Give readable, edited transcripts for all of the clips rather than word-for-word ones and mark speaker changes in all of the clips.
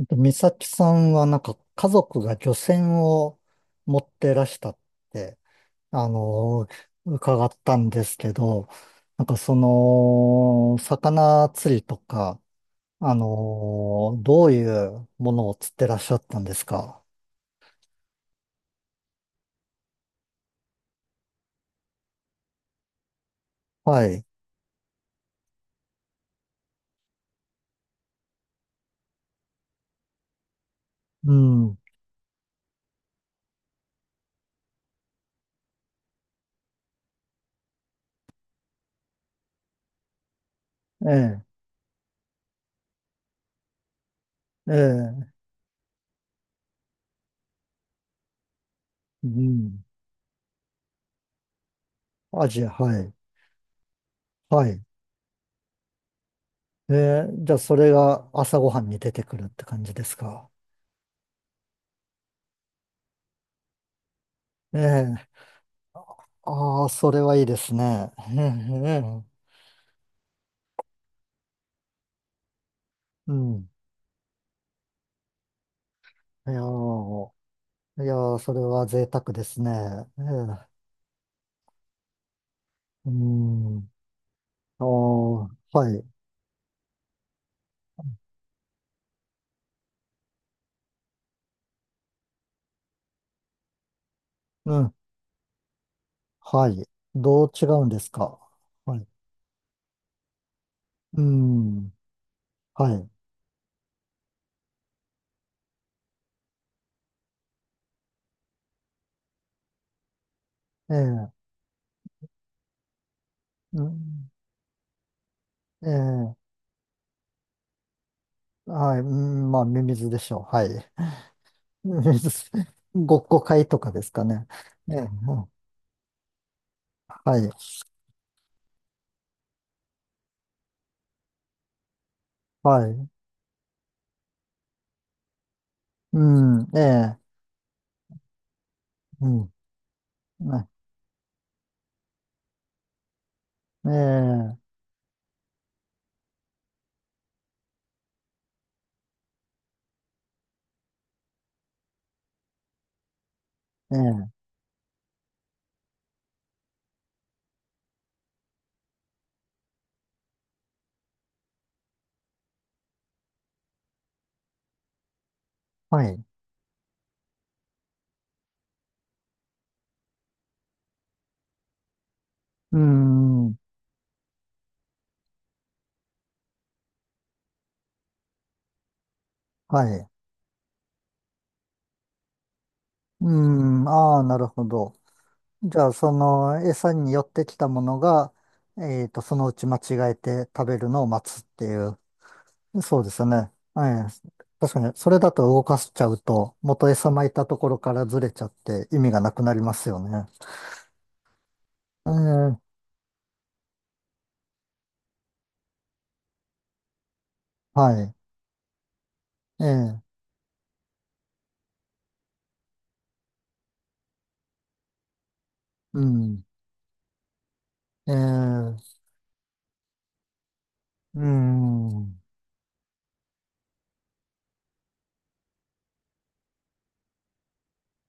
Speaker 1: 美咲さんはなんか家族が漁船を持ってらしたって、あの、伺ったんですけど、なんかその、魚釣りとか、どういうものを釣ってらっしゃったんですか？はい。うん。ええ、ええ、うん。アジア、はい。はい。ええ、じゃあそれが朝ごはんに出てくるって感じですか？ええ、ああ、それはいいですね。ええ、ええ、うん。いやー、いやー、それは贅沢ですね。ええ、うん。あー、はい。うん。はい。どう違うんですか？はい。うん。はい。ええ、うん。ええ、はい。うん、まあ、ミミズでしょう。はい。ミミズ、ごっこ会とかですかね。ええ、うん、はい。はい。うん。ええ、うん。ねええええ、はい。うん。はい。うん、ああ、なるほど。じゃあ、その餌に寄ってきたものが、そのうち間違えて食べるのを待つっていう。そうですよね。ええ、確かに、それだと動かしちゃうと、元餌撒いたところからずれちゃって意味がなくなりますよね。ええ、はい。ええ、うん。ええ、うん。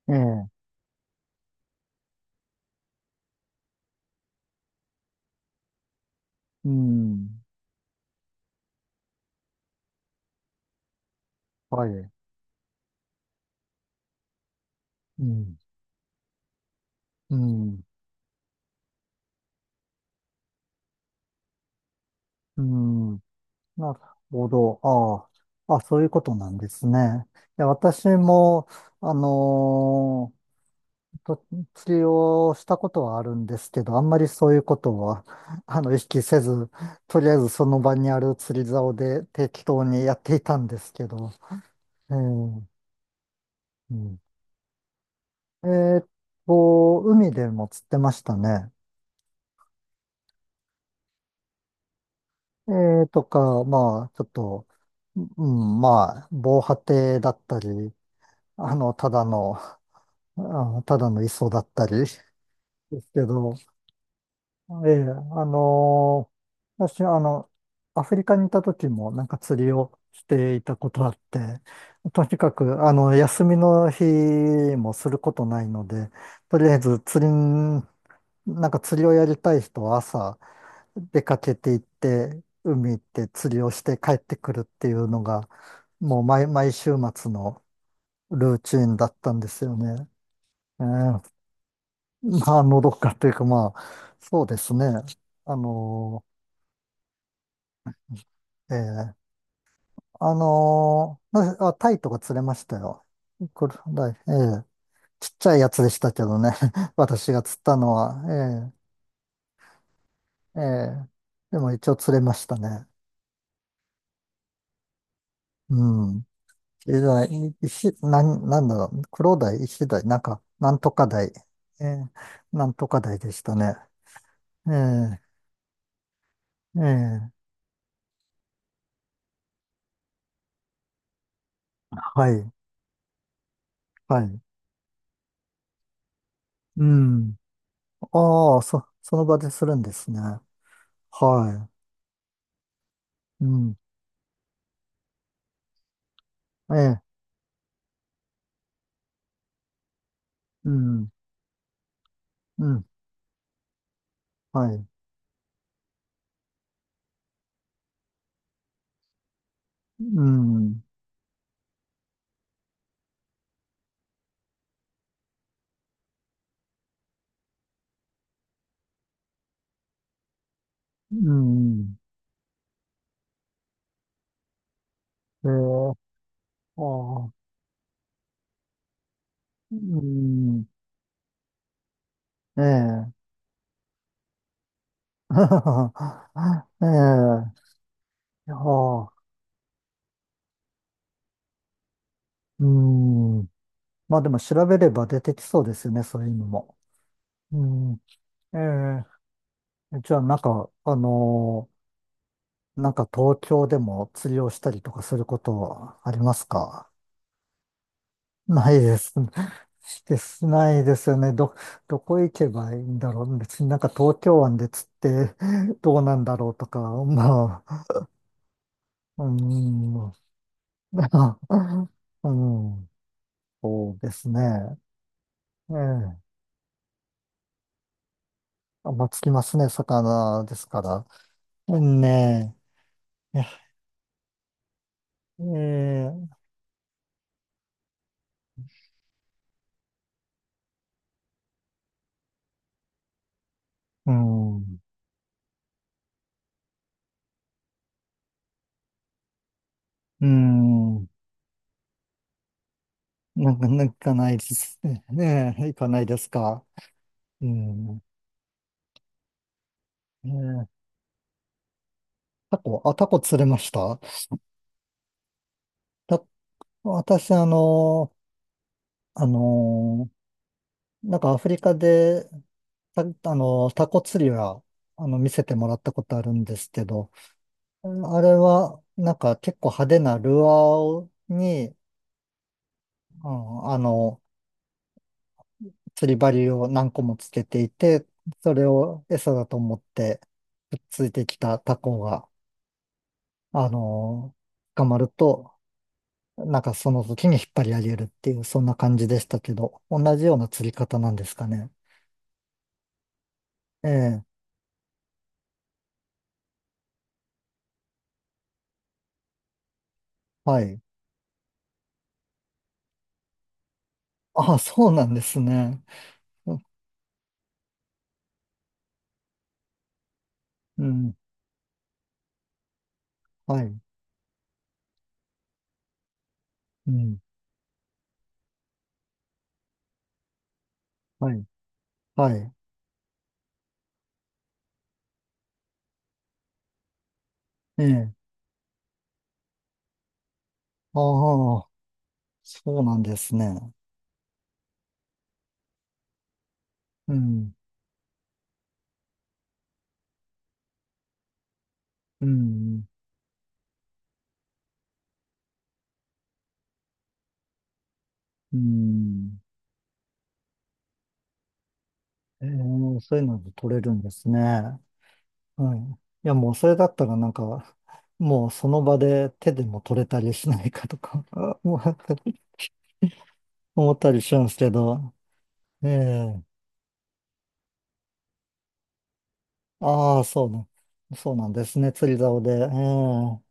Speaker 1: ええ、うん。はい。うん。うん。うん。なるほど。ああ。あ、そういうことなんですね。いや、私も、あのー釣りをしたことはあるんですけど、あんまりそういうことは、意識せず、とりあえずその場にある釣り竿で適当にやっていたんですけど、えーうん、えーっ海でも釣ってましたね。えとか、まあ、ちょっと、うん、まあ、防波堤だったり、ただのただの磯だったりですけど、ええ、私、アフリカにいた時もなんか釣りをしていたことあって、とにかく、休みの日もすることないので、とりあえず釣りん、なんか釣りをやりたい人は朝出かけて行って、海行って釣りをして帰ってくるっていうのが、もう毎週末のルーチンだったんですよね。ええ、まあ、のどかというか、まあ、そうですね。あのええ、なあ、タイとか釣れましたよ。これ、ええ、ちっちゃいやつでしたけどね。私が釣ったのは、ええ、ええ、でも一応釣れましたね。うん。ええ、石、なん、なんだろう。黒鯛、石鯛、なんか、なんとか鯛。ええ、なんとか鯛でしたね。ええ、ええ、はい、はい。うん。ああ、その場でするんですね。はい。うん。ええ。うん。うん。はい。うん。うん。ええ。ああ。うん。ええ。ええ。いやあ。うん。まあでも調べれば出てきそうですよね、そういうのも。うん。ええ。じゃあなんか、なんか東京でも釣りをしたりとかすることありますか？ないです。ですないですよね。どこ行けばいいんだろう。別になんか東京湾で釣ってどうなんだろうとか、まあ、うん、うん、そうですね。ええ、あんまあつきますね、魚ですから。うん、ねえ、ええ、うん、うん、なんかないですね。ねえ、行かないですか。うん、ええ、タコ、あ、タコ釣れました？私、あの、なんかアフリカで、たあの、タコ釣りは、あの、見せてもらったことあるんですけど、あれは、なんか結構派手なルアーをに、うん、釣り針を何個もつけていて、それを餌だと思って、くっついてきたタコが、あの、捕まると、なんかその時に引っ張り上げるっていう、そんな感じでしたけど、同じような釣り方なんですかね。ええ、はい。あ、そうなんですね。う、うん。はい。うん。はい。はい。ええ。ああ、そうなんですね。うん。うん。うん。ええ、そういうので取れるんですね。はい。いや、もうそれだったらなんか、もうその場で手でも取れたりしないかとか、もう思ったりしるんですけど。ええ。ああ、そうなんですね。釣り竿で。ええ。